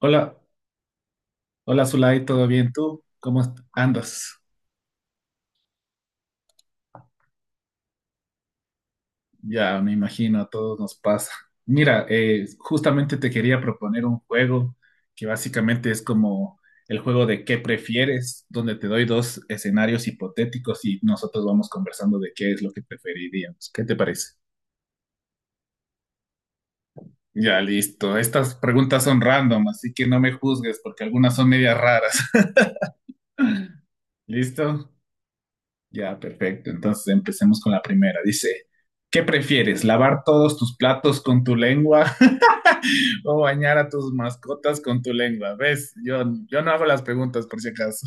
Hola, hola Zulay, ¿todo bien tú? ¿Cómo andas? Ya me imagino, a todos nos pasa. Mira, justamente te quería proponer un juego que básicamente es como el juego de qué prefieres, donde te doy dos escenarios hipotéticos y nosotros vamos conversando de qué es lo que preferiríamos. ¿Qué te parece? Ya, listo. Estas preguntas son random, así que no me juzgues porque algunas son medias raras. ¿Listo? Ya, perfecto. Entonces empecemos con la primera. Dice, ¿qué prefieres? ¿Lavar todos tus platos con tu lengua o bañar a tus mascotas con tu lengua? ¿Ves? Yo no hago las preguntas por si acaso.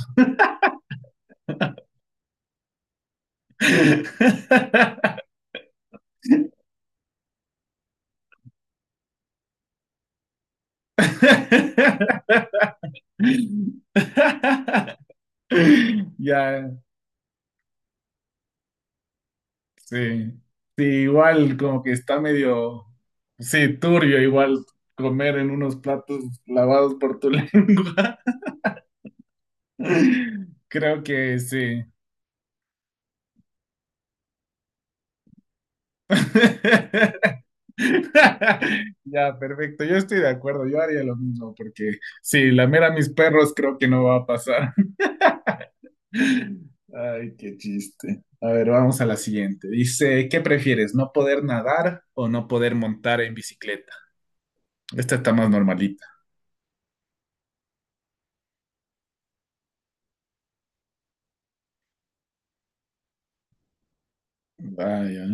Ya, sí. Sí, igual como que está medio, sí, turbio igual comer en unos platos lavados por tu lengua. Creo que sí. Ya, perfecto. Yo estoy de acuerdo. Yo haría lo mismo porque sí, lamer a mis perros creo que no va a pasar. Ay, qué chiste. A ver, vamos a la siguiente. Dice, ¿qué prefieres? ¿No poder nadar o no poder montar en bicicleta? Esta está más normalita. Vaya.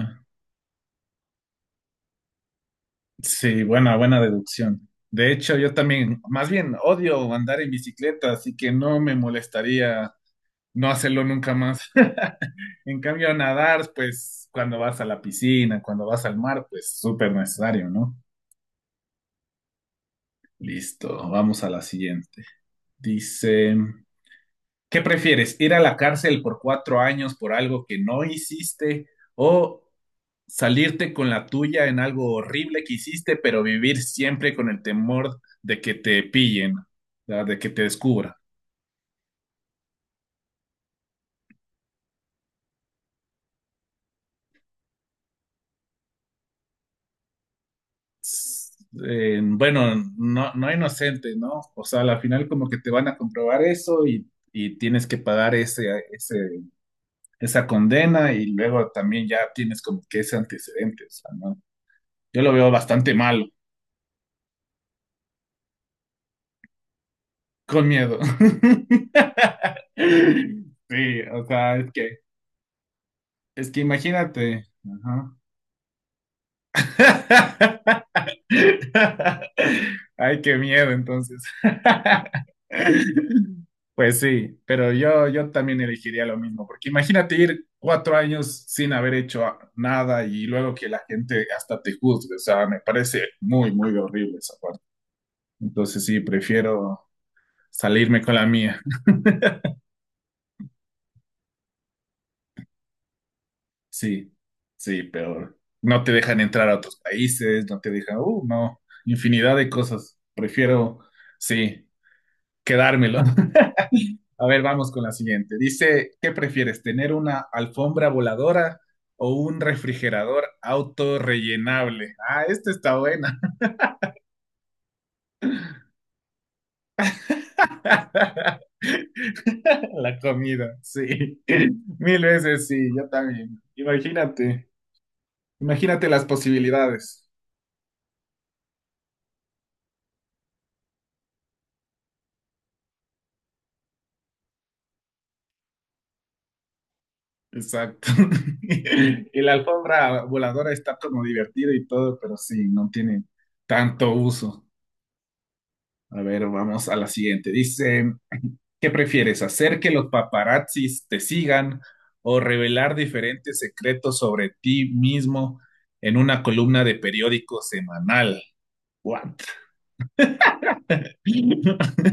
Sí, buena, buena deducción. De hecho, yo también, más bien, odio andar en bicicleta, así que no me molestaría no hacerlo nunca más. En cambio, nadar, pues cuando vas a la piscina, cuando vas al mar, pues súper necesario, ¿no? Listo, vamos a la siguiente. Dice, ¿qué prefieres? ¿Ir a la cárcel por cuatro años por algo que no hiciste o salirte con la tuya en algo horrible que hiciste, pero vivir siempre con el temor de que te pillen, ¿verdad? De que te descubran? Bueno, no, no inocente, ¿no? O sea, al final como que te van a comprobar eso y tienes que pagar esa condena y luego también ya tienes como que ese antecedente, o sea, ¿no? Yo lo veo bastante malo, con miedo. Sí, o sea, es que imagínate, ajá. Ay, qué miedo entonces. Pues sí, pero yo también elegiría lo mismo, porque imagínate ir cuatro años sin haber hecho nada y luego que la gente hasta te juzgue, o sea, me parece muy, muy horrible esa parte. Entonces sí, prefiero salirme con la mía. Sí, sí, pero no te dejan entrar a otros países, no te dejan, no, infinidad de cosas. Prefiero, sí, quedármelo. A ver, vamos con la siguiente. Dice, ¿qué prefieres, tener una alfombra voladora o un refrigerador autorrellenable? Ah, esta está buena. La comida, sí. Mil veces sí, yo también. Imagínate las posibilidades. Exacto. Y la alfombra voladora está como divertida y todo, pero sí, no tiene tanto uso. A ver, vamos a la siguiente. Dice, ¿qué prefieres, hacer que los paparazzis te sigan o revelar diferentes secretos sobre ti mismo en una columna de periódico semanal? What?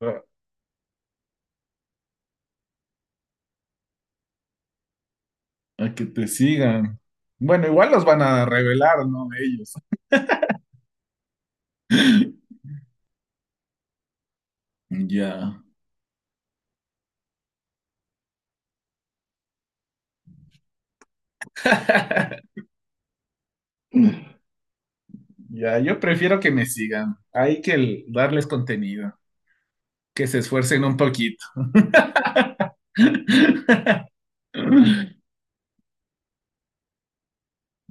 A a que te sigan. Bueno, igual los van a revelar, ¿no? Ellos. Ya. Ya, yo prefiero que me sigan. Hay que darles contenido, que se esfuercen un poquito.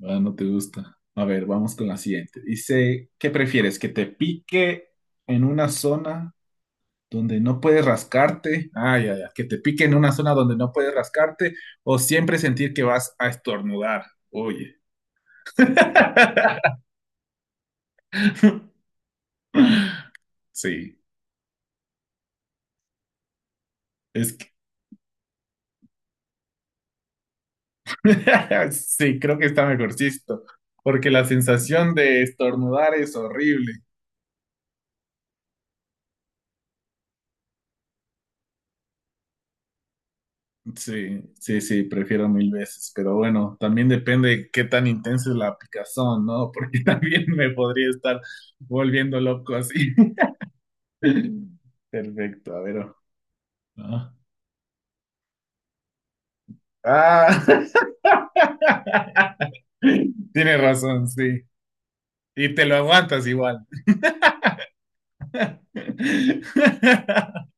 Ah, no te gusta. A ver, vamos con la siguiente. Dice, ¿qué prefieres? ¿Que te pique en una zona donde no puedes rascarte? Ah, ya, ya. ¿Que te pique en una zona donde no puedes rascarte? ¿O siempre sentir que vas a estornudar? Oye. Sí, es que... sí, creo que está mejorcito. Porque la sensación de estornudar es horrible. Sí, sí, sí, prefiero mil veces, pero bueno, también depende qué tan intensa es la picazón, ¿no? Porque también me podría estar volviendo loco así. Perfecto, a ver. Ah, ah, tienes razón, sí. Y te lo aguantas igual.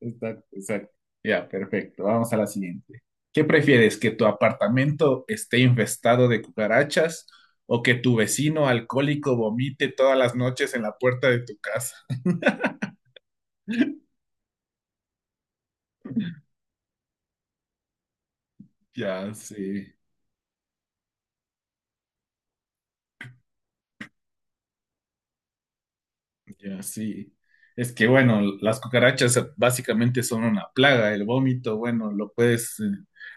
Exacto, exacto. Ya, perfecto. Vamos a la siguiente. ¿Qué prefieres, que tu apartamento esté infestado de cucarachas o que tu vecino alcohólico vomite todas las noches en la puerta de tu casa? Ya, sí, ya, sí. Es que, bueno, las cucarachas básicamente son una plaga. El vómito, bueno, lo puedes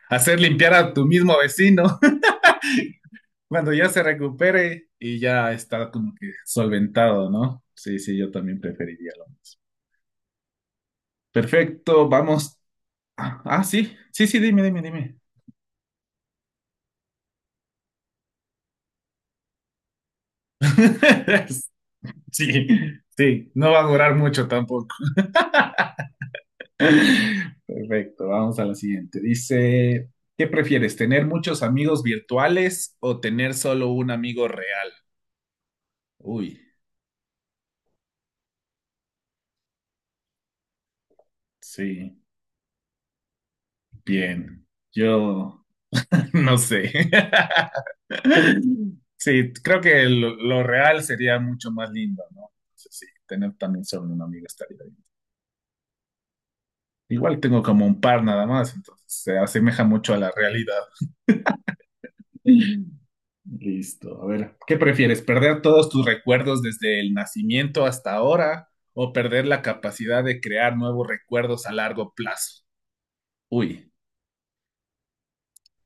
hacer limpiar a tu mismo vecino. Cuando ya se recupere y ya está como que solventado, ¿no? Sí, sí, yo también preferiría lo mismo. Perfecto, vamos. Ah, ah, sí, sí, sí, dime, dime, dime. Sí, sí, no va a durar mucho tampoco. Perfecto, vamos a la siguiente. Dice, ¿qué prefieres, tener muchos amigos virtuales o tener solo un amigo real? Uy, sí, bien. Yo no sé. Sí, creo que lo real sería mucho más lindo, ¿no? Entonces, sí, tener también solo una amiga estaría bien. Igual tengo como un par nada más, entonces se asemeja mucho a la realidad. Listo. A ver, ¿qué prefieres? ¿Perder todos tus recuerdos desde el nacimiento hasta ahora o perder la capacidad de crear nuevos recuerdos a largo plazo? Uy,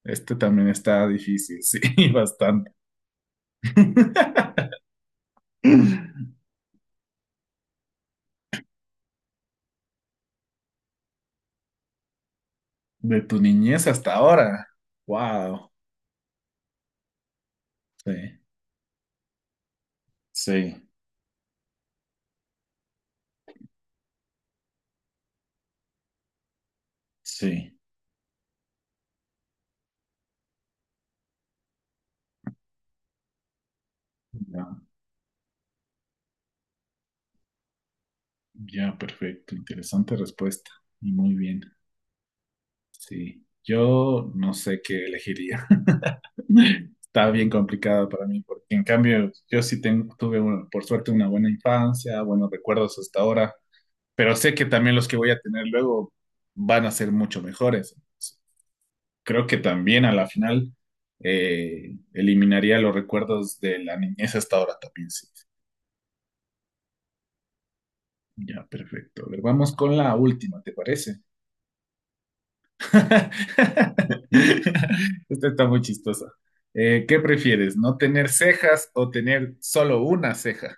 este también está difícil, sí, bastante. De tu niñez hasta ahora. Wow. Sí. Sí, sí. Ya, ya, perfecto. Interesante respuesta. Y muy bien. Sí. Yo no sé qué elegiría. Está bien complicado para mí, porque en cambio yo sí tuve, por suerte, una buena infancia, buenos recuerdos hasta ahora, pero sé que también los que voy a tener luego van a ser mucho mejores. Creo que también a la final eliminaría los recuerdos de la niñez hasta ahora también, sí. Ya, perfecto. A ver, vamos con la última, ¿te parece? Esta está muy chistosa. ¿Qué prefieres? ¿No tener cejas o tener solo una ceja?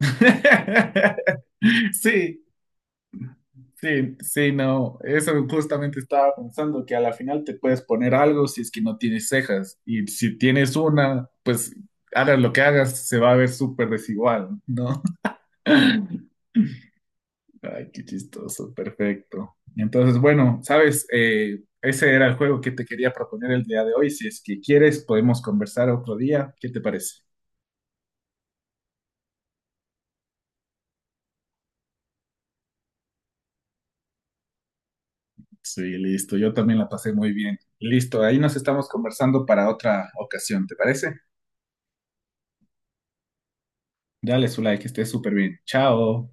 Sí, sí, sí, no. Eso justamente estaba pensando que a la final te puedes poner algo si es que no tienes cejas. Y si tienes una, pues hagas lo que hagas, se va a ver súper desigual, ¿no? Ay, qué chistoso, perfecto. Entonces, bueno, sabes, ese era el juego que te quería proponer el día de hoy. Si es que quieres, podemos conversar otro día. ¿Qué te parece? Sí, listo. Yo también la pasé muy bien. Listo, ahí nos estamos conversando para otra ocasión, ¿te parece? Dale su like, esté súper bien. Chao.